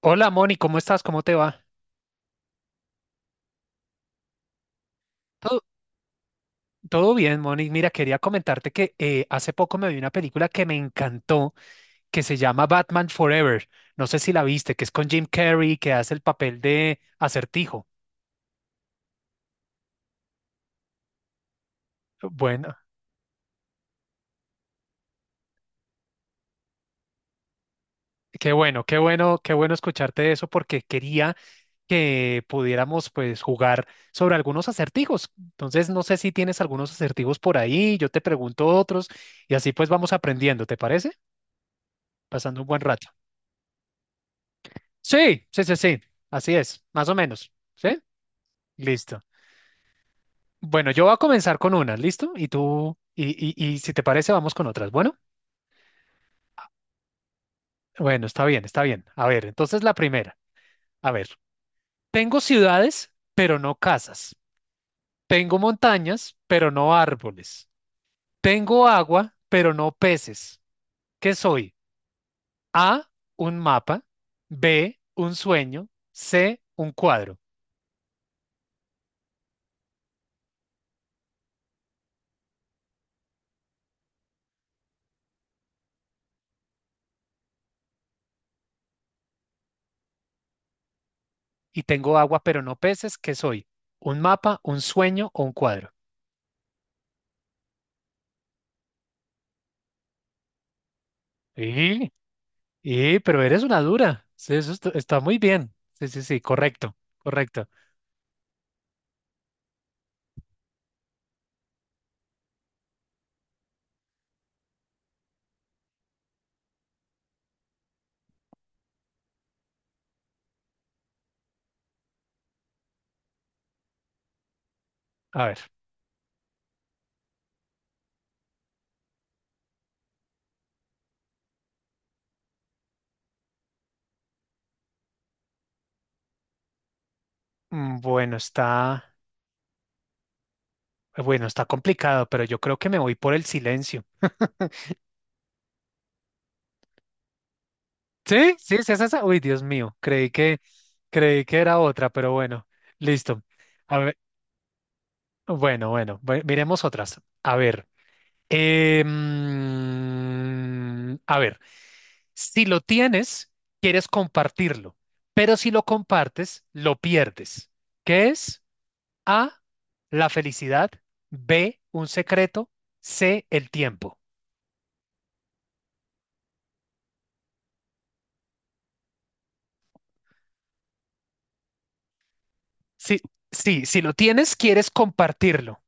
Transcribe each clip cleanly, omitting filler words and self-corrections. Hola Moni, ¿cómo estás? ¿Cómo te va? Todo, todo bien, Moni. Mira, quería comentarte que hace poco me vi una película que me encantó, que se llama Batman Forever. No sé si la viste, que es con Jim Carrey, que hace el papel de Acertijo. Bueno, qué bueno, qué bueno, qué bueno escucharte eso porque quería que pudiéramos pues jugar sobre algunos acertijos. Entonces, no sé si tienes algunos acertijos por ahí, yo te pregunto otros y así pues vamos aprendiendo, ¿te parece? Pasando un buen rato. Sí, sí, sí, sí. Así es, más o menos. ¿Sí? Listo. Bueno, yo voy a comenzar con unas, ¿listo? Y tú, y si te parece, vamos con otras. Bueno, bueno, está bien, está bien. A ver, entonces la primera. A ver, tengo ciudades, pero no casas. Tengo montañas, pero no árboles. Tengo agua, pero no peces. ¿Qué soy? A, un mapa. B, un sueño. C, un cuadro. Y tengo agua, pero no peces. ¿Qué soy? ¿Un mapa, un sueño o un cuadro? Y, pero eres una dura. Sí, está muy bien. Sí, sí, sí, correcto, correcto. A ver, mm, bueno, está complicado, pero yo creo que me voy por el silencio. Sí, sí, sí, es esa. Uy, Dios mío, creí que era otra, pero bueno, listo. A ver, miremos otras. A ver. A ver, si lo tienes, quieres compartirlo, pero si lo compartes, lo pierdes. ¿Qué es? A, la felicidad, B, un secreto, C, el tiempo. Sí, sí, si lo tienes, quieres compartirlo,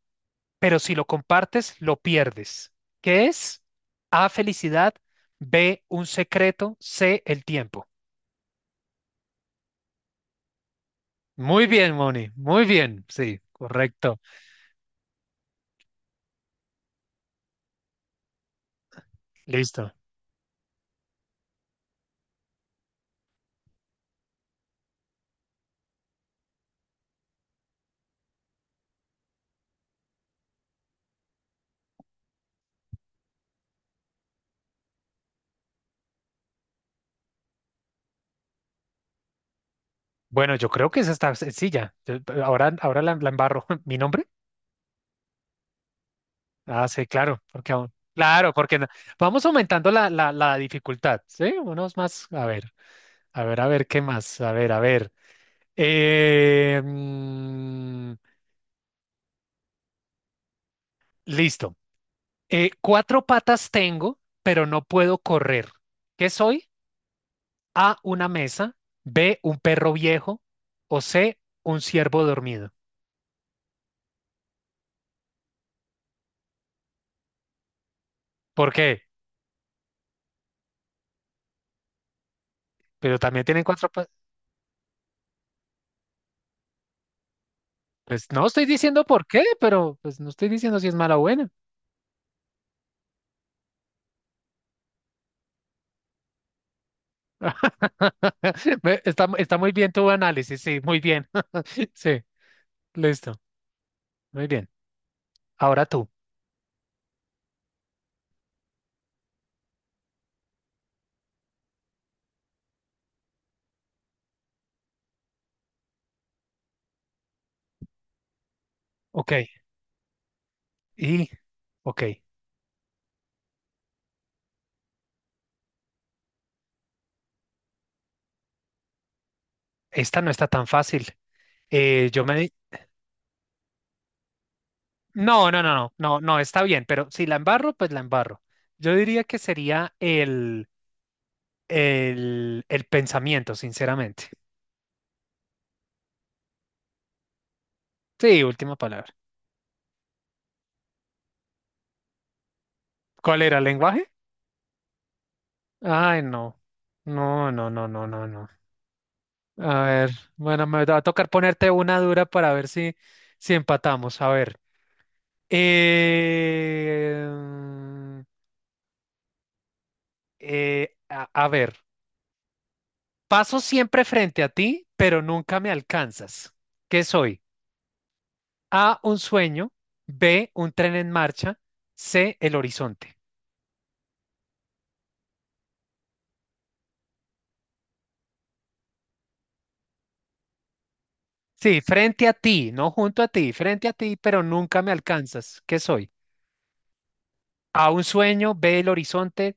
pero si lo compartes, lo pierdes. ¿Qué es? A, felicidad, B, un secreto, C, el tiempo. Muy bien, Moni, muy bien, sí, correcto. Listo. Bueno, yo creo que esa está sencilla. Ahora, ahora la embarro. ¿Mi nombre? Ah, sí, claro, porque aún. Claro, porque no- vamos aumentando la dificultad, ¿sí? Unos más. A ver, a ver, a ver, ¿qué más? A ver, a ver. Eh, mm, listo. Cuatro patas tengo, pero no puedo correr. ¿Qué soy? A, una mesa. B, un perro viejo. O C, un ciervo dormido. ¿Por qué? Pero también tienen cuatro patas. Pues no estoy diciendo por qué, pero pues no estoy diciendo si es mala o buena. Está, está muy bien tu análisis, sí, muy bien. Sí, listo, muy bien. Ahora tú. Ok, y, ok, esta no está tan fácil. Yo me... No, no, no, no, no, no, está bien, pero si la embarro, pues la embarro. Yo diría que sería el pensamiento, sinceramente. Sí, última palabra. ¿Cuál era el lenguaje? Ay, no. No, no, no, no, no, no. A ver, bueno, me va a tocar ponerte una dura para ver si, si empatamos. A ver. Eh, a ver, paso siempre frente a ti, pero nunca me alcanzas. ¿Qué soy? A, un sueño, B, un tren en marcha, C, el horizonte. Sí, frente a ti, no junto a ti, frente a ti, pero nunca me alcanzas. ¿Qué soy? A, un sueño, B, el horizonte,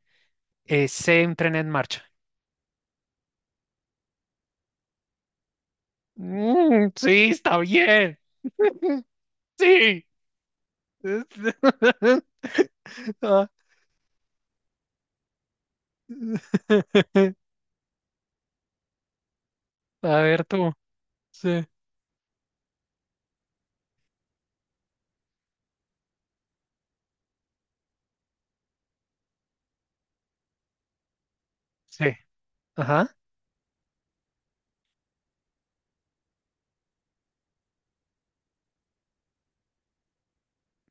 C, un tren en marcha. Mm, sí, está bien. Sí. Ah, A ver tú. Sí. Sí. Ajá.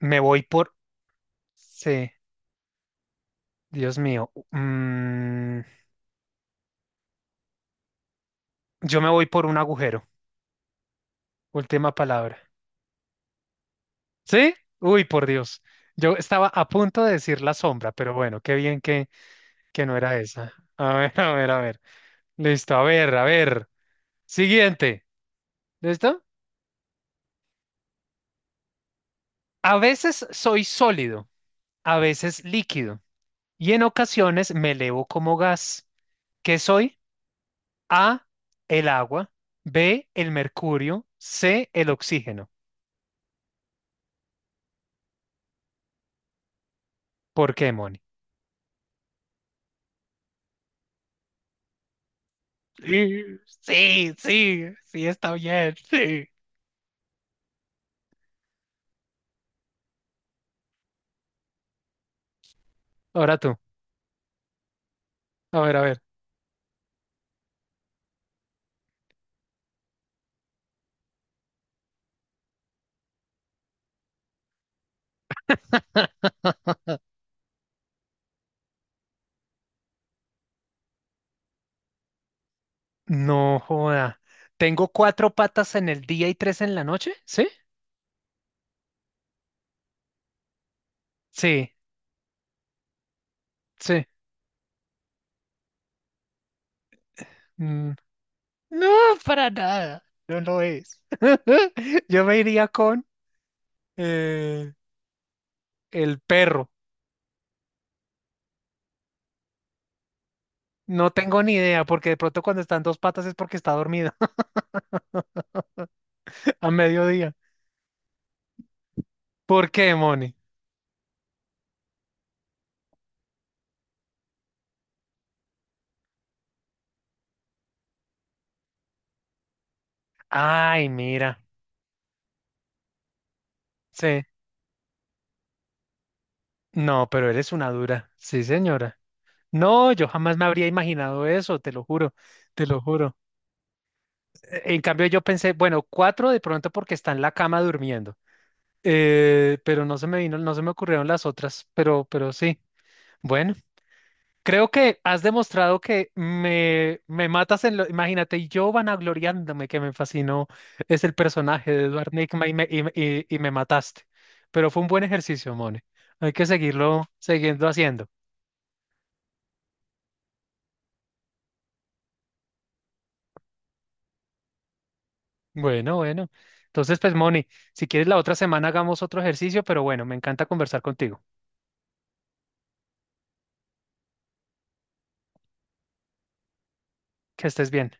Me voy por... Sí. Dios mío. Mm, yo me voy por un agujero. Última palabra. ¿Sí? Uy, por Dios. Yo estaba a punto de decir la sombra, pero bueno, qué bien que no era esa. A ver, a ver, a ver. Listo, a ver, a ver. Siguiente. ¿Listo? A veces soy sólido, a veces líquido y en ocasiones me elevo como gas. ¿Qué soy? A, el agua, B, el mercurio, C, el oxígeno. ¿Por qué, Moni? Sí, sí, sí, sí, está bien, sí. Ahora tú, a ver, a ver. No joda. Tengo cuatro patas en el día y tres en la noche, ¿sí? Sí, sí. Mm, no, para nada. No lo es. Yo me iría con eh, el perro. No tengo ni idea, porque de pronto cuando están dos patas es porque está dormido a mediodía. ¿Por qué, Moni? Ay, mira. Sí. No, pero eres una dura. Sí, señora. No, yo jamás me habría imaginado eso, te lo juro, te lo juro. En cambio, yo pensé, bueno, cuatro de pronto porque está en la cama durmiendo. Pero no se me vino, no se me ocurrieron las otras, pero sí. Bueno. Creo que has demostrado que me matas en lo... Imagínate, y yo vanagloriándome que me fascinó es el personaje de Edward Nygma y me mataste. Pero fue un buen ejercicio, Moni. Hay que seguirlo, siguiendo haciendo. Bueno, bueno. Entonces, pues, Moni, si quieres la otra semana hagamos otro ejercicio, pero bueno, me encanta conversar contigo. Que estés bien.